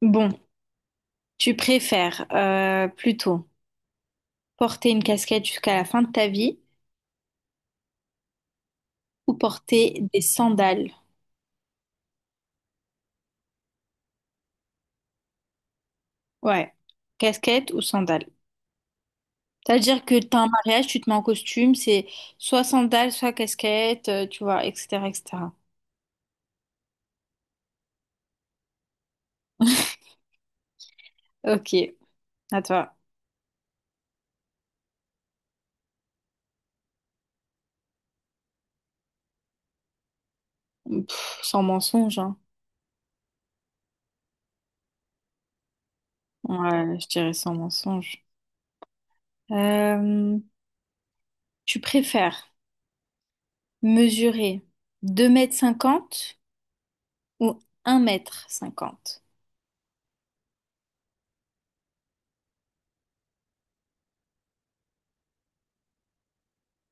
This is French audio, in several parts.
Bon, tu préfères plutôt porter une casquette jusqu'à la fin de ta vie ou porter des sandales? Ouais, casquette ou sandales. C'est-à-dire que t'as un mariage, tu te mets en costume, c'est soit sandales, soit casquette, tu vois, etc., etc. Ok, à toi. Sans mensonge, hein. Ouais, je dirais sans mensonge. Euh, Tu préfères mesurer 2,50 m ou 1,50 m.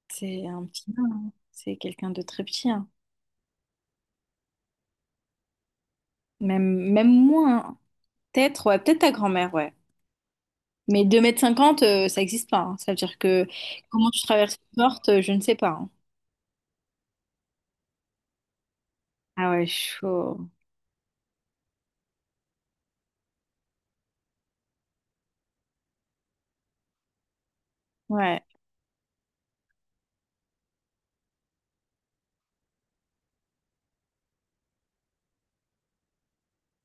C'est un petit nain, hein. C'est quelqu'un de très petit, hein. Même, même moins, hein. Peut-être, ouais, peut-être ta grand-mère, ouais. Mais 2,50 m ça n'existe pas, hein. Ça veut dire que comment tu traverses une porte, je ne sais pas, hein. Ah ouais, chaud. Ouais,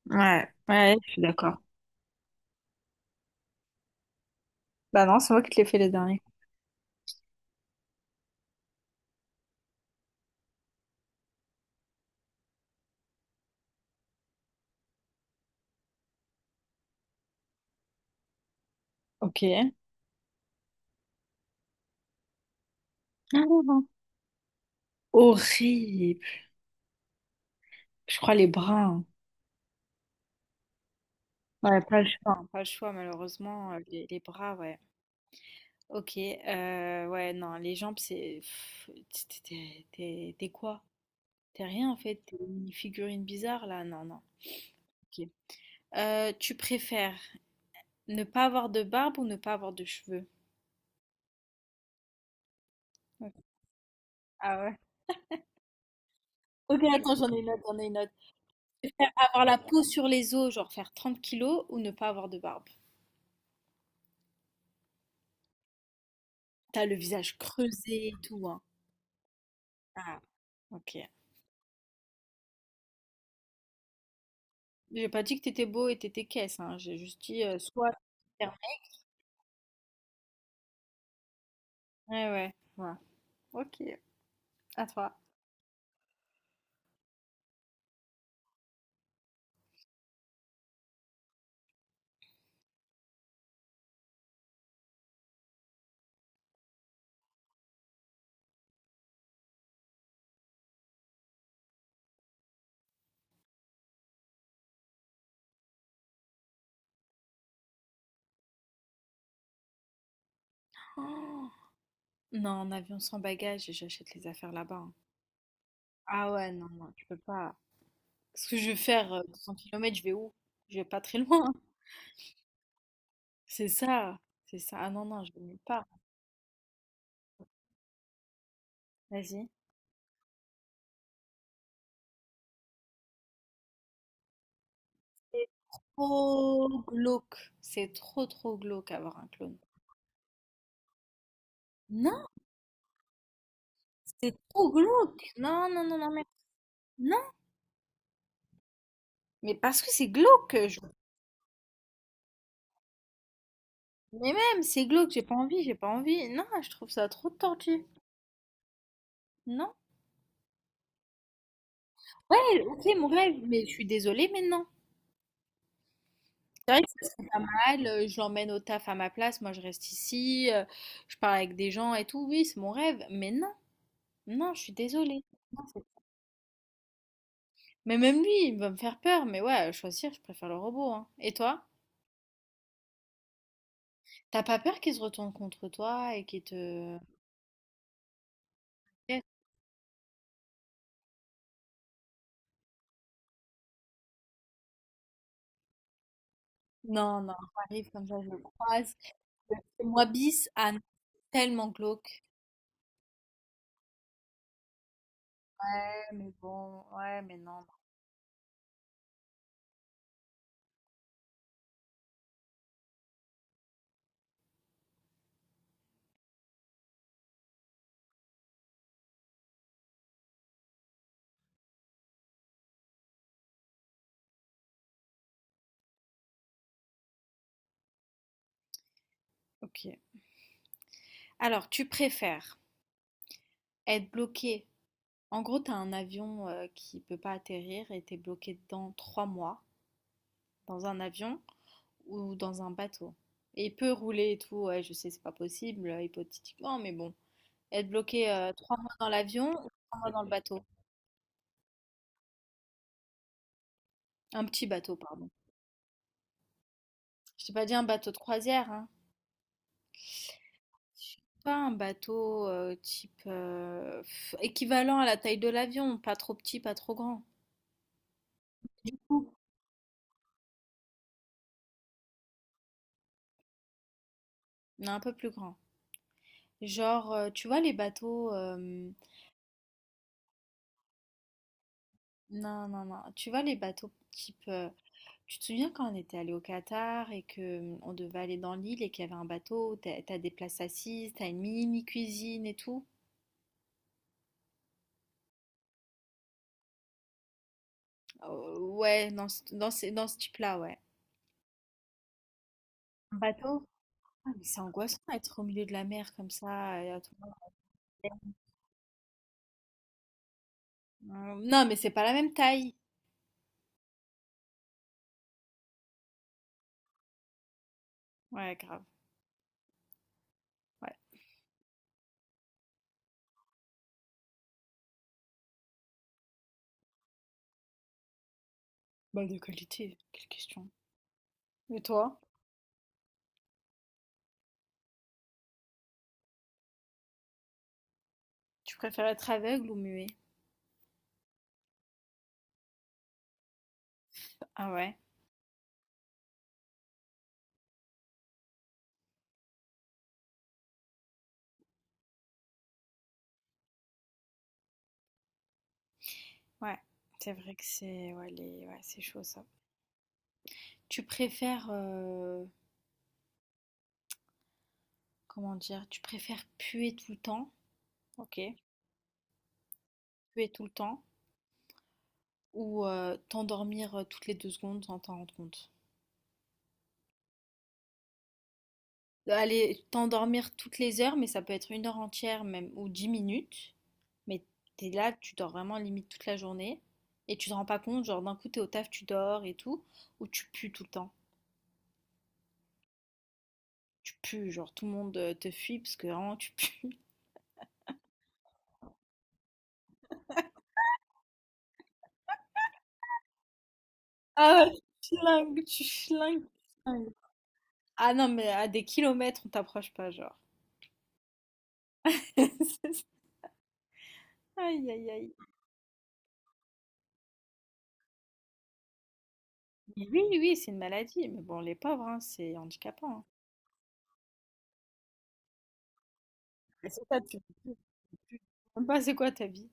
ouais, ouais, je suis d'accord. Bah non, c'est moi qui te l'ai fait les derniers. Ok. Ah, horrible. Je crois les bras, hein. Ouais, pas le choix, hein. Pas le choix, malheureusement. Les bras, ouais. Ok. Ouais, non, les jambes, c'est. T'es quoi? T'es rien en fait, t'es une figurine bizarre là, non, non. Ok. Tu préfères ne pas avoir de barbe ou ne pas avoir de cheveux? Ok. Ah ouais. Ok, attends, j'en ai une autre, j'en ai une autre. Tu préfères avoir la peau sur les os, genre faire 30 kilos, ou ne pas avoir de barbe? T'as le visage creusé et tout, hein. Ah, ok. J'ai pas dit que t'étais beau et t'étais caisse, hein. J'ai juste dit soit. Ouais, ouais, ouais. Ok, à toi. Oh, non, en avion sans bagage, j'achète les affaires là-bas, hein. Ah ouais, non, non, tu peux pas. Parce que je vais faire 200 km, je vais où? Je vais pas très loin. C'est ça, c'est ça. Ah non, non, je vais nulle part. Vas-y. C'est trop glauque. C'est trop, trop glauque avoir un clone. Non, c'est trop glauque. Non, non, non, non, mais... Non, mais parce que c'est glauque. Mais même, c'est glauque, j'ai pas envie, j'ai pas envie. Non, je trouve ça trop tordu. Non. Ouais, ok, mon rêve, mais je suis désolée, mais non. C'est vrai que ça serait pas mal, je l'emmène au taf à ma place, moi je reste ici, je parle avec des gens et tout, oui, c'est mon rêve, mais non. Non, je suis désolée. Non. Mais même lui, il va me faire peur. Mais ouais, à choisir, je préfère le robot, hein. Et toi? T'as pas peur qu'il se retourne contre toi et qu'il te... Eh, non, non, j'arrive comme ça, je le croise. Moi, bis, Anne, tellement glauque. Ouais, mais bon, ouais, mais non, non. Ok. Alors, tu préfères être bloqué. En gros, t'as un avion qui peut pas atterrir et t'es bloqué dedans 3 mois dans un avion ou dans un bateau. Et peut rouler et tout, ouais, je sais, c'est pas possible, hypothétiquement, mais bon. Être bloqué 3 mois dans l'avion ou 3 mois dans le bateau. Un petit bateau, pardon. Je t'ai pas dit un bateau de croisière, hein. Je sais pas, un bateau type, équivalent à la taille de l'avion, pas trop petit, pas trop grand. Du coup, mais un peu plus grand. Genre, tu vois les bateaux. Non, non, non. Tu vois les bateaux type. Tu te souviens quand on était allé au Qatar et que on devait aller dans l'île et qu'il y avait un bateau, t'as des places assises, t'as une mini cuisine et tout? Ouais, dans ce, dans ce type-là, ouais. Un bateau? Ah, mais c'est angoissant d'être au milieu de la mer comme ça, et à tout moment. Non, mais c'est pas la même taille. Ouais, grave. Ouais. Bah, de qualité, quelle question. Et toi, tu préfères être aveugle ou muet? Ah ouais, ouais. C'est vrai que c'est ouais, ouais, c'est chaud ça. Tu préfères Comment dire? Tu préfères puer tout le temps. Ok. Puer tout le temps, ou t'endormir toutes les 2 secondes sans t'en rendre compte? Allez, t'endormir toutes les heures, mais ça peut être une heure entière même, ou 10 minutes. Mais t'es là, tu dors vraiment limite toute la journée, et tu te rends pas compte, genre d'un coup t'es au taf, tu dors et tout, ou tu pues tout le temps. Tu pues, genre tout le monde te fuit parce que vraiment tu pues. Ah, ouais, tu flingues, tu flingues, tu flingues. Ah non, mais à des kilomètres, on t'approche pas, genre. Aïe, aïe, aïe. Mais oui, oui, c'est une maladie. Mais bon, les pauvres, hein, c'est handicapant, hein. Et c'est ça. Tu- tu- Même pas, c'est quoi ta vie?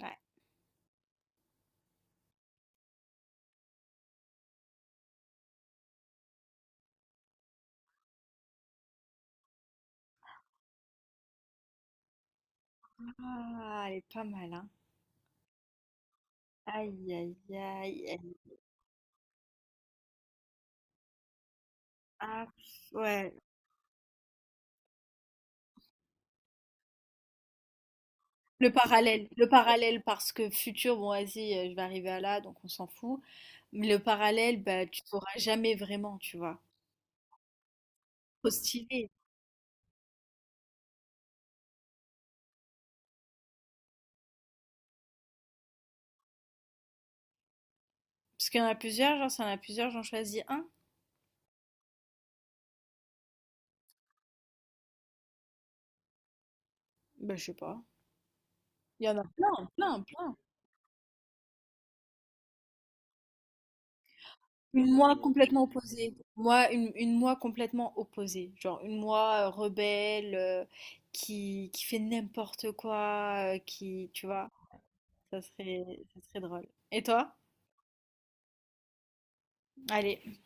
Ouais. Ah, elle est pas mal, hein. Aïe, aïe, aïe, aïe. Ah, ouais. Le parallèle, parce que futur, bon, vas-y, je vais arriver à là, donc on s'en fout. Mais le parallèle, bah, tu sauras jamais vraiment, tu vois. Trop stylé. Parce qu'il y en a plusieurs, genre, s'il y en a plusieurs, j'en choisis un. Bah, je sais pas. Il y en a plein, plein, plein. Une moi complètement opposée. Moi, une moi complètement opposée. Genre une moi rebelle, qui fait n'importe quoi, qui, tu vois, ça serait, ça serait drôle. Et toi? Allez.